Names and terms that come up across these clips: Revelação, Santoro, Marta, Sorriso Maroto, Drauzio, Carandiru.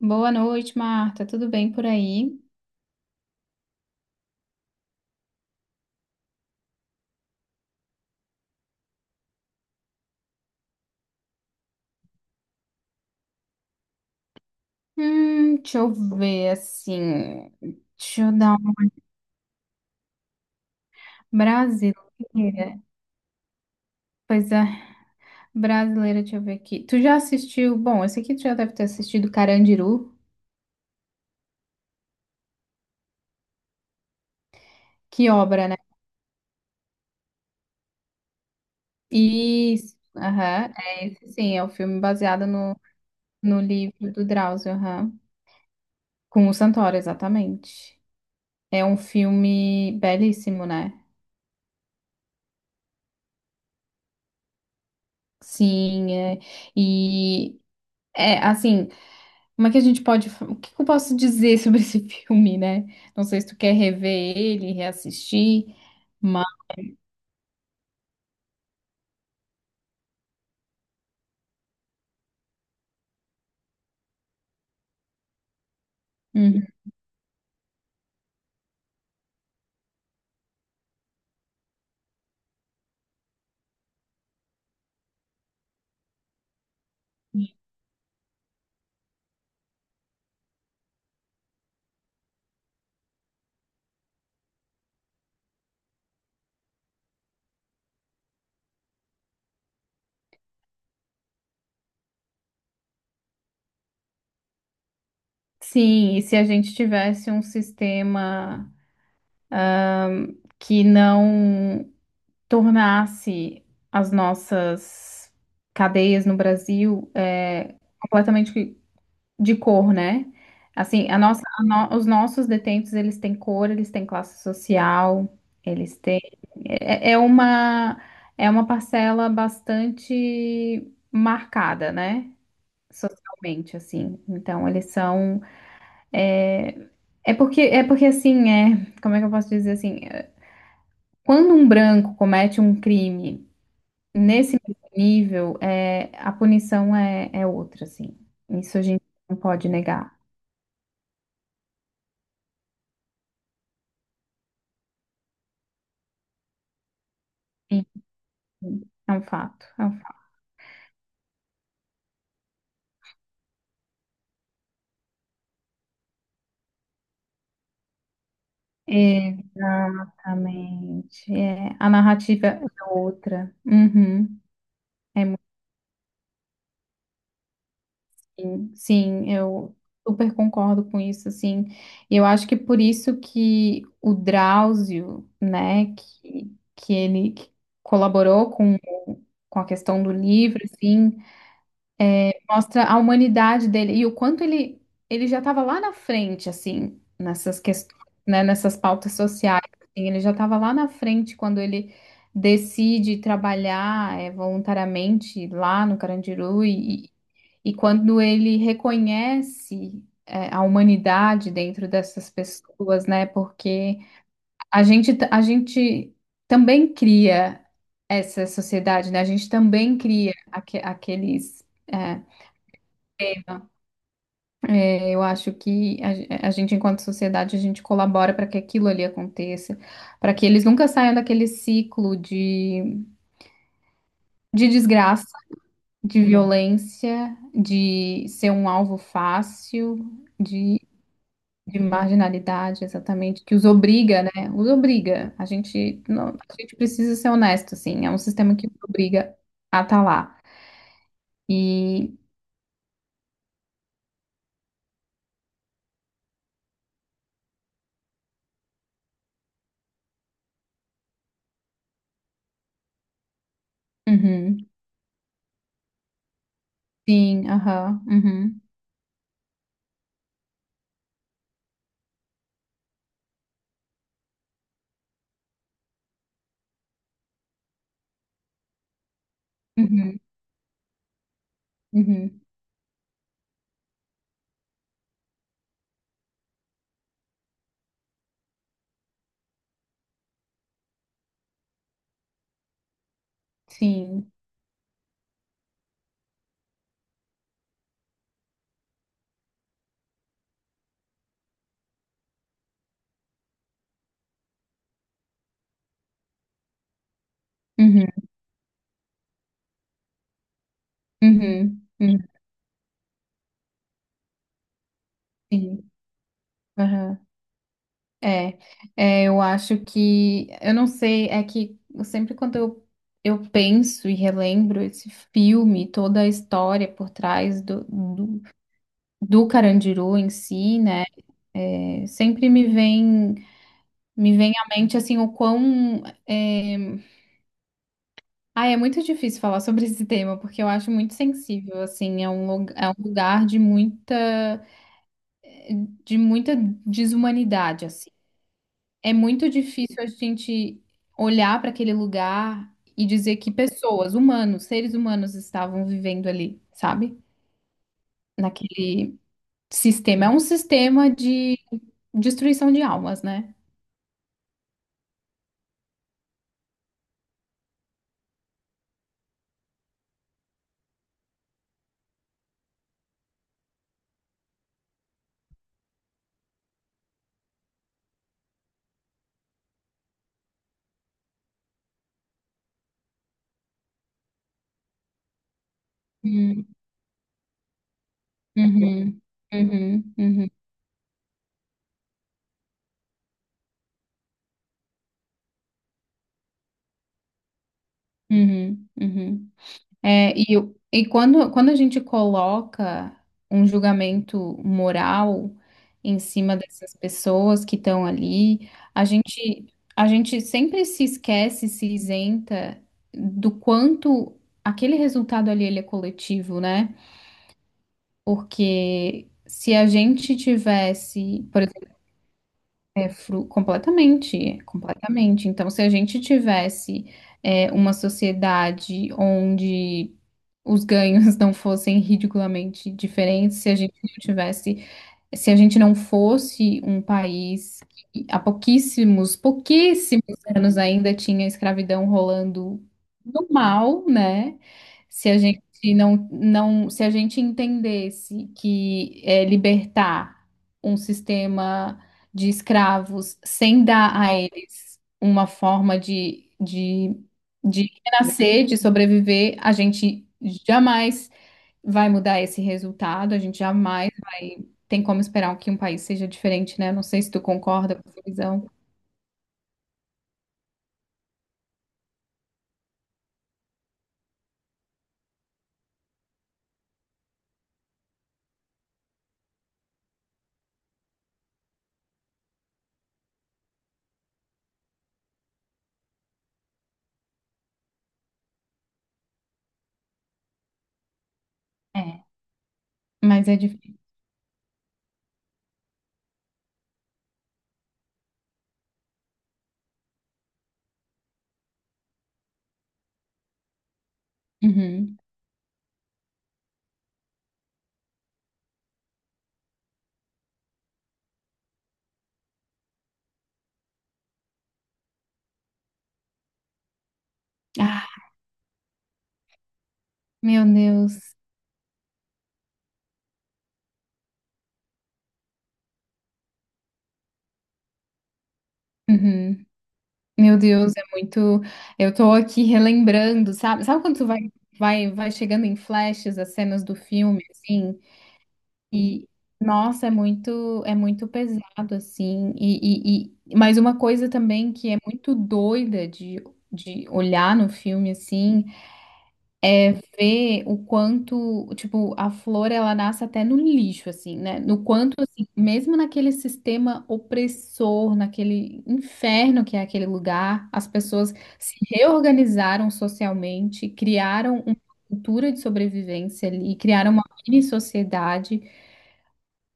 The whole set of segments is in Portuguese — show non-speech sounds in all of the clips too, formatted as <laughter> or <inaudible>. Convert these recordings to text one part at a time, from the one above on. Boa noite, Marta. Tudo bem por aí? Deixa eu ver assim. Deixa eu dar uma brasileira. Pois é, brasileira, deixa eu ver aqui. Tu já assistiu? Bom, esse aqui tu já deve ter assistido Carandiru. Que obra, né? Isso. Aham, é esse sim, é o filme baseado no livro do Drauzio, aham. Com o Santoro, exatamente. É um filme belíssimo, né? Sim, é. E é assim. Como é que a gente pode. O que eu posso dizer sobre <laughs> esse filme, né? Não sei se tu quer rever ele, reassistir, mas. Uhum. Sim, e se a gente tivesse um sistema que não tornasse as nossas cadeias no Brasil completamente de cor, né? Assim, a nossa, a no- os nossos detentos, eles têm cor, eles têm classe social, eles têm... É, é uma, é uma parcela bastante marcada, né? Socialmente, assim. Então, eles são... É porque assim, é... Como é que eu posso dizer assim? É, quando um branco comete um crime nesse nível, é, a punição é, é outra, assim. Isso a gente não pode negar. Sim, é um fato. Exatamente. É, a narrativa é outra. Uhum. É, muito sim, eu super concordo com isso, assim. E eu acho que por isso que o Drauzio, né, que ele colaborou com a questão do livro, assim, mostra a humanidade dele e o quanto ele, ele já estava lá na frente, assim, nessas questões, né, nessas pautas sociais. Assim, ele já estava lá na frente quando ele decide trabalhar voluntariamente lá no Carandiru e quando ele reconhece a humanidade dentro dessas pessoas, né? Porque a gente também cria essa sociedade, né? A gente também cria aqueles. eh, Eu acho que a gente, enquanto sociedade, a gente colabora para que aquilo ali aconteça, para que eles nunca saiam daquele ciclo de desgraça, de violência, de ser um alvo fácil, de, de marginalidade, exatamente, que os obriga, né? Os obriga. A gente, a gente precisa ser honesto, assim, é um sistema que nos obriga a estar lá. E, uhum, sim, aham, uhum, uhum, uhum, sim. Uhum. Uhum, uhum, sim, aham. É, é, eu acho que, eu não sei, é que eu sempre quando eu penso e relembro esse filme, toda a história por trás do Carandiru em si, né, sempre me vem, me vem à mente, assim, o quão, é... Ah, é muito difícil falar sobre esse tema, porque eu acho muito sensível, assim, é um, é um lugar de muita desumanidade, assim, é muito difícil a gente olhar para aquele lugar e dizer que pessoas, humanos, seres humanos estavam vivendo ali, sabe? Naquele sistema. É um sistema de destruição de almas, né? Uhum, uhum, uhum, uhum, uhum, uhum. É, e, e quando, quando a gente coloca um julgamento moral em cima dessas pessoas que estão ali, a gente, a gente sempre se esquece, se isenta do quanto aquele resultado ali ele é coletivo, né? Porque se a gente tivesse, por é, completamente, completamente. Então, se a gente tivesse é, uma sociedade onde os ganhos <laughs> não fossem ridiculamente diferentes, se a gente não tivesse se a gente não fosse um país que há pouquíssimos, pouquíssimos anos ainda tinha escravidão rolando no mal, né? Se a gente não, se a gente entendesse que é, libertar um sistema de escravos sem dar a eles uma forma de renascer, de sobreviver, a gente jamais vai mudar esse resultado. A gente jamais vai. Tem como esperar que um país seja diferente, né? Não sei se tu concorda com essa visão, é. Mas é difícil. Uhum. Ah, meu Deus. Uhum. Meu Deus, é muito. Eu tô aqui relembrando, sabe? Sabe quando tu vai, vai chegando em flashes as cenas do filme, assim? E, nossa, é muito pesado, assim. E... Mas uma coisa também que é muito doida de olhar no filme, assim, ver o quanto, tipo, a flor ela nasce até no lixo, assim, né? No quanto, assim, mesmo naquele sistema opressor, naquele inferno que é aquele lugar, as pessoas se reorganizaram socialmente, criaram uma cultura de sobrevivência ali, criaram uma mini sociedade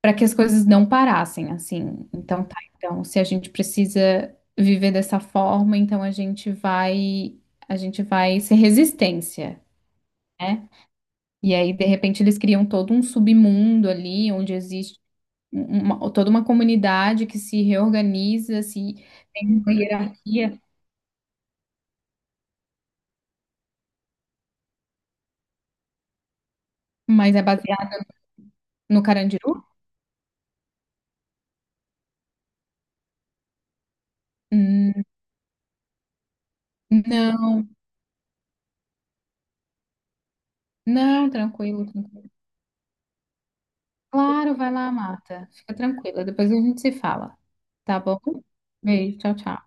para que as coisas não parassem, assim. Então, tá, então, se a gente precisa viver dessa forma, então a gente vai ser resistência. Né? E aí, de repente, eles criam todo um submundo ali, onde existe um, toda uma comunidade que se reorganiza, se tem uma hierarquia, mas é baseada no Carandiru? Hum, Não, não, tranquilo, tranquilo. Claro, vai lá, Marta. Fica tranquila, depois a gente se fala. Tá bom? Beijo, tchau, tchau.